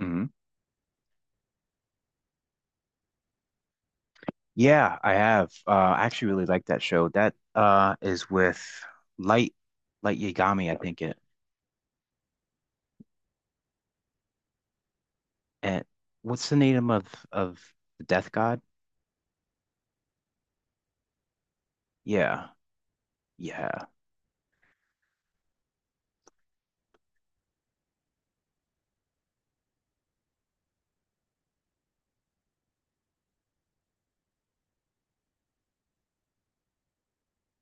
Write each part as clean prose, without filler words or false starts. Hmm. Yeah, I have. I actually really like that show. That is with Light Light Yagami, I think it. And what's the name of the Death God? Yeah, yeah,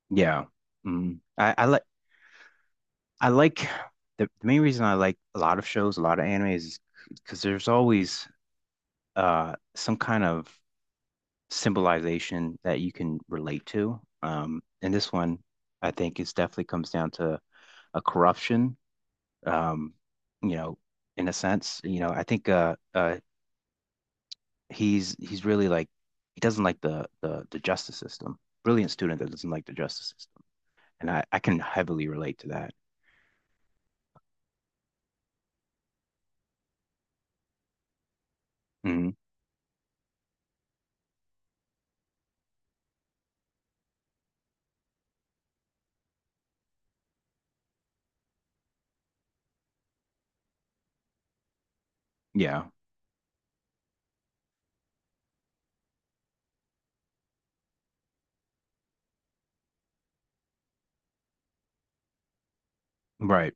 yeah. Mm. I like I like the main reason I like a lot of shows, a lot of anime is because there's always some kind of symbolization that you can relate to. And this one, I think, is definitely comes down to a corruption. um, you know, in a sense, you know, I think he's really like he doesn't like the justice system. Brilliant student that doesn't like the justice system, and I can heavily relate to that. Hmm. Yeah. Right.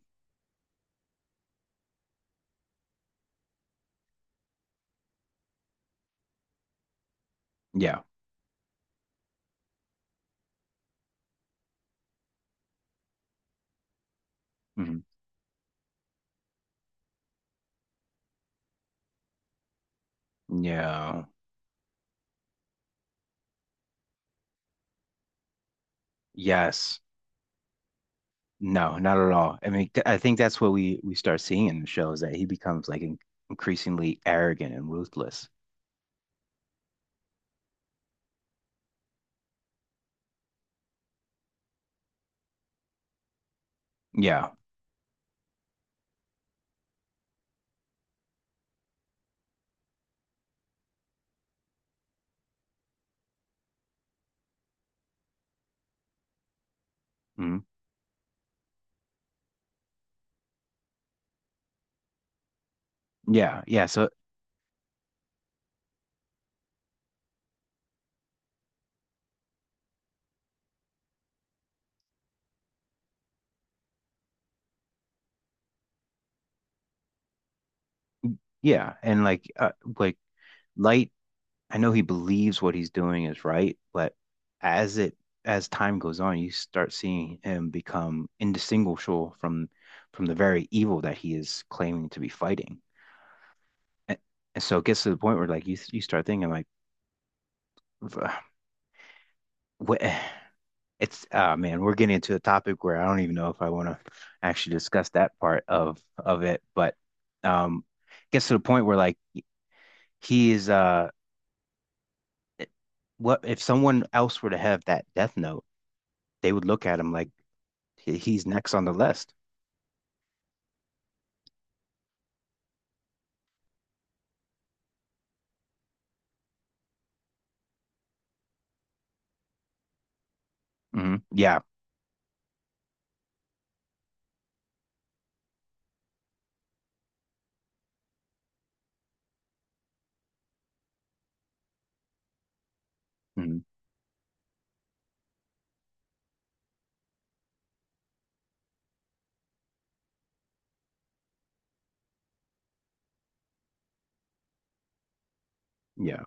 Yeah. Hmm. Yeah. Yes. No, not at all. I mean, th I think that's what we start seeing in the show is that he becomes like in increasingly arrogant and ruthless. Yeah. Hmm. Yeah. Yeah. So yeah, and like. Light, I know he believes what he's doing is right, but as it as time goes on, you start seeing him become indistinguishable from the very evil that he is claiming to be fighting. And, and so it gets to the point where like you start thinking like what. It's man, we're getting into a topic where I don't even know if I want to actually discuss that part of it, but um it gets to the point where like he is what if someone else were to have that death note, they would look at him like he's next on the list. Mhm. Yeah. Mhm. Yeah.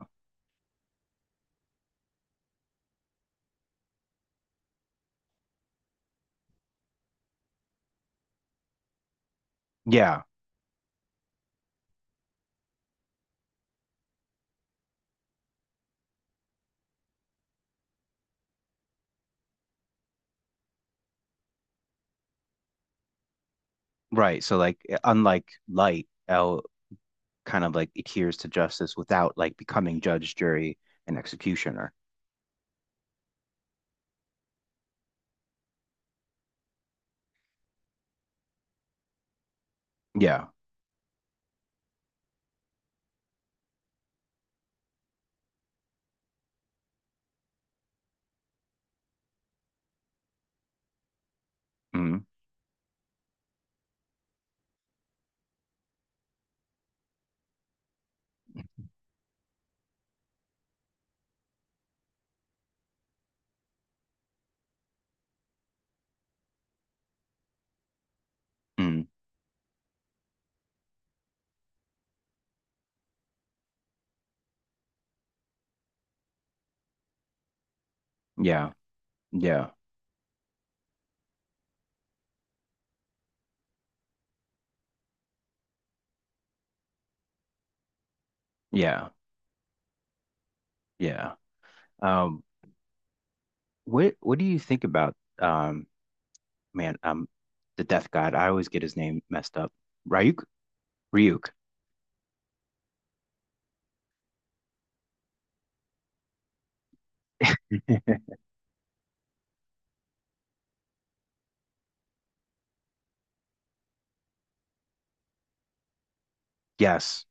Yeah. Right. So like unlike Light, L kind of like adheres to justice without like becoming judge, jury, and executioner. Yeah. Mhm. Mhm. Yeah. Yeah. Yeah. Yeah. Um what do you think about man the death god? I always get his name messed up. Ryuk? Ryuk. Yes.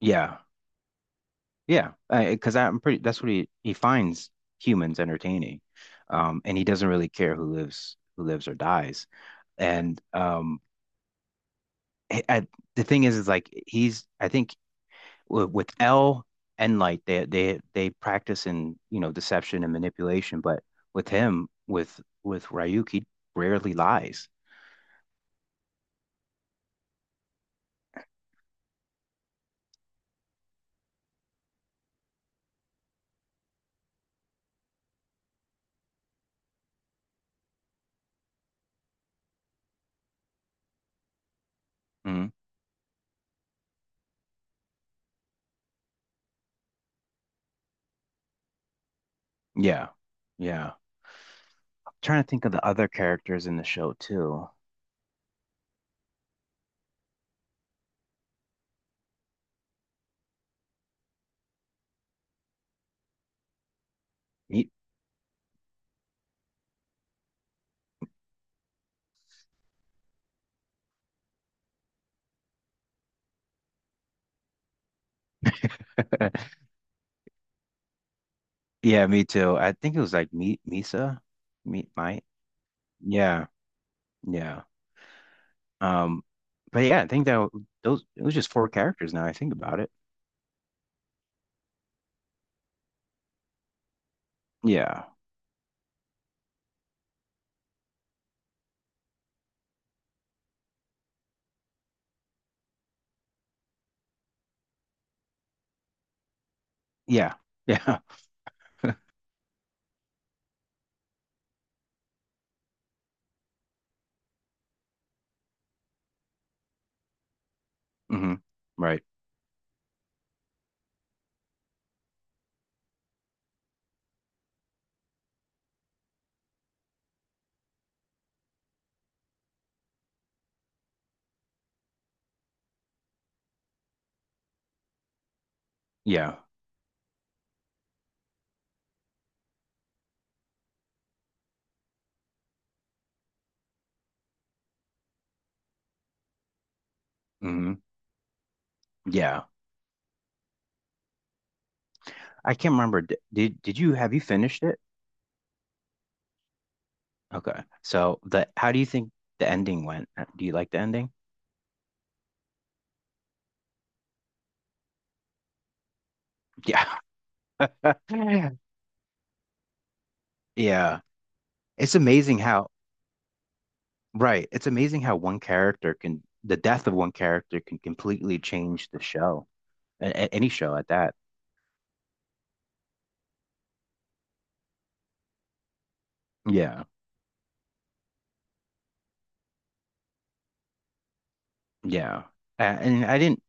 Yeah. Yeah, because I'm pretty. That's what he finds humans entertaining, and he doesn't really care who lives or dies. And I, I- the thing is like he's. I think with L and Light, they practice in you know deception and manipulation, but with him, with with Ryuk, he rarely lies. Mhm. Yeah, yeah. I'm trying to think of the other characters in the show too. Ye-. Yeah, me too. I think it was like meat Misa, meat might. Yeah, yeah. Um, but yeah, I think that those it was just four characters now I think about it. Yeah, yeah, yeah. Hmm. Right. Yeah. Hmm. Yeah. I can't remember. Did you have you finished it? Okay. So the how do you think the ending went? Do you like the ending? Yeah. Yeah. It's amazing how. Right. It's amazing how one character can, the death of one character can completely change the show, any show at that. Yeah. Yeah. And I didn't,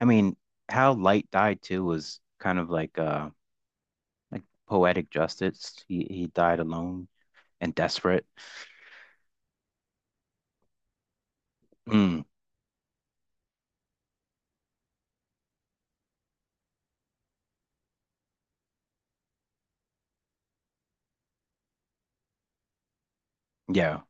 I mean, how Light died too was kind of like poetic justice. He died alone and desperate. Mm, yeah.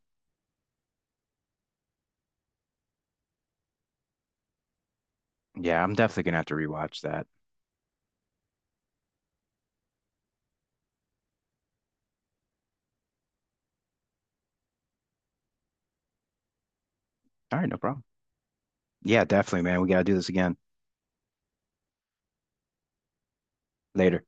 Yeah, I'm definitely gonna have to rewatch that. All right, no problem. Yeah, definitely, man. We gotta do this again later.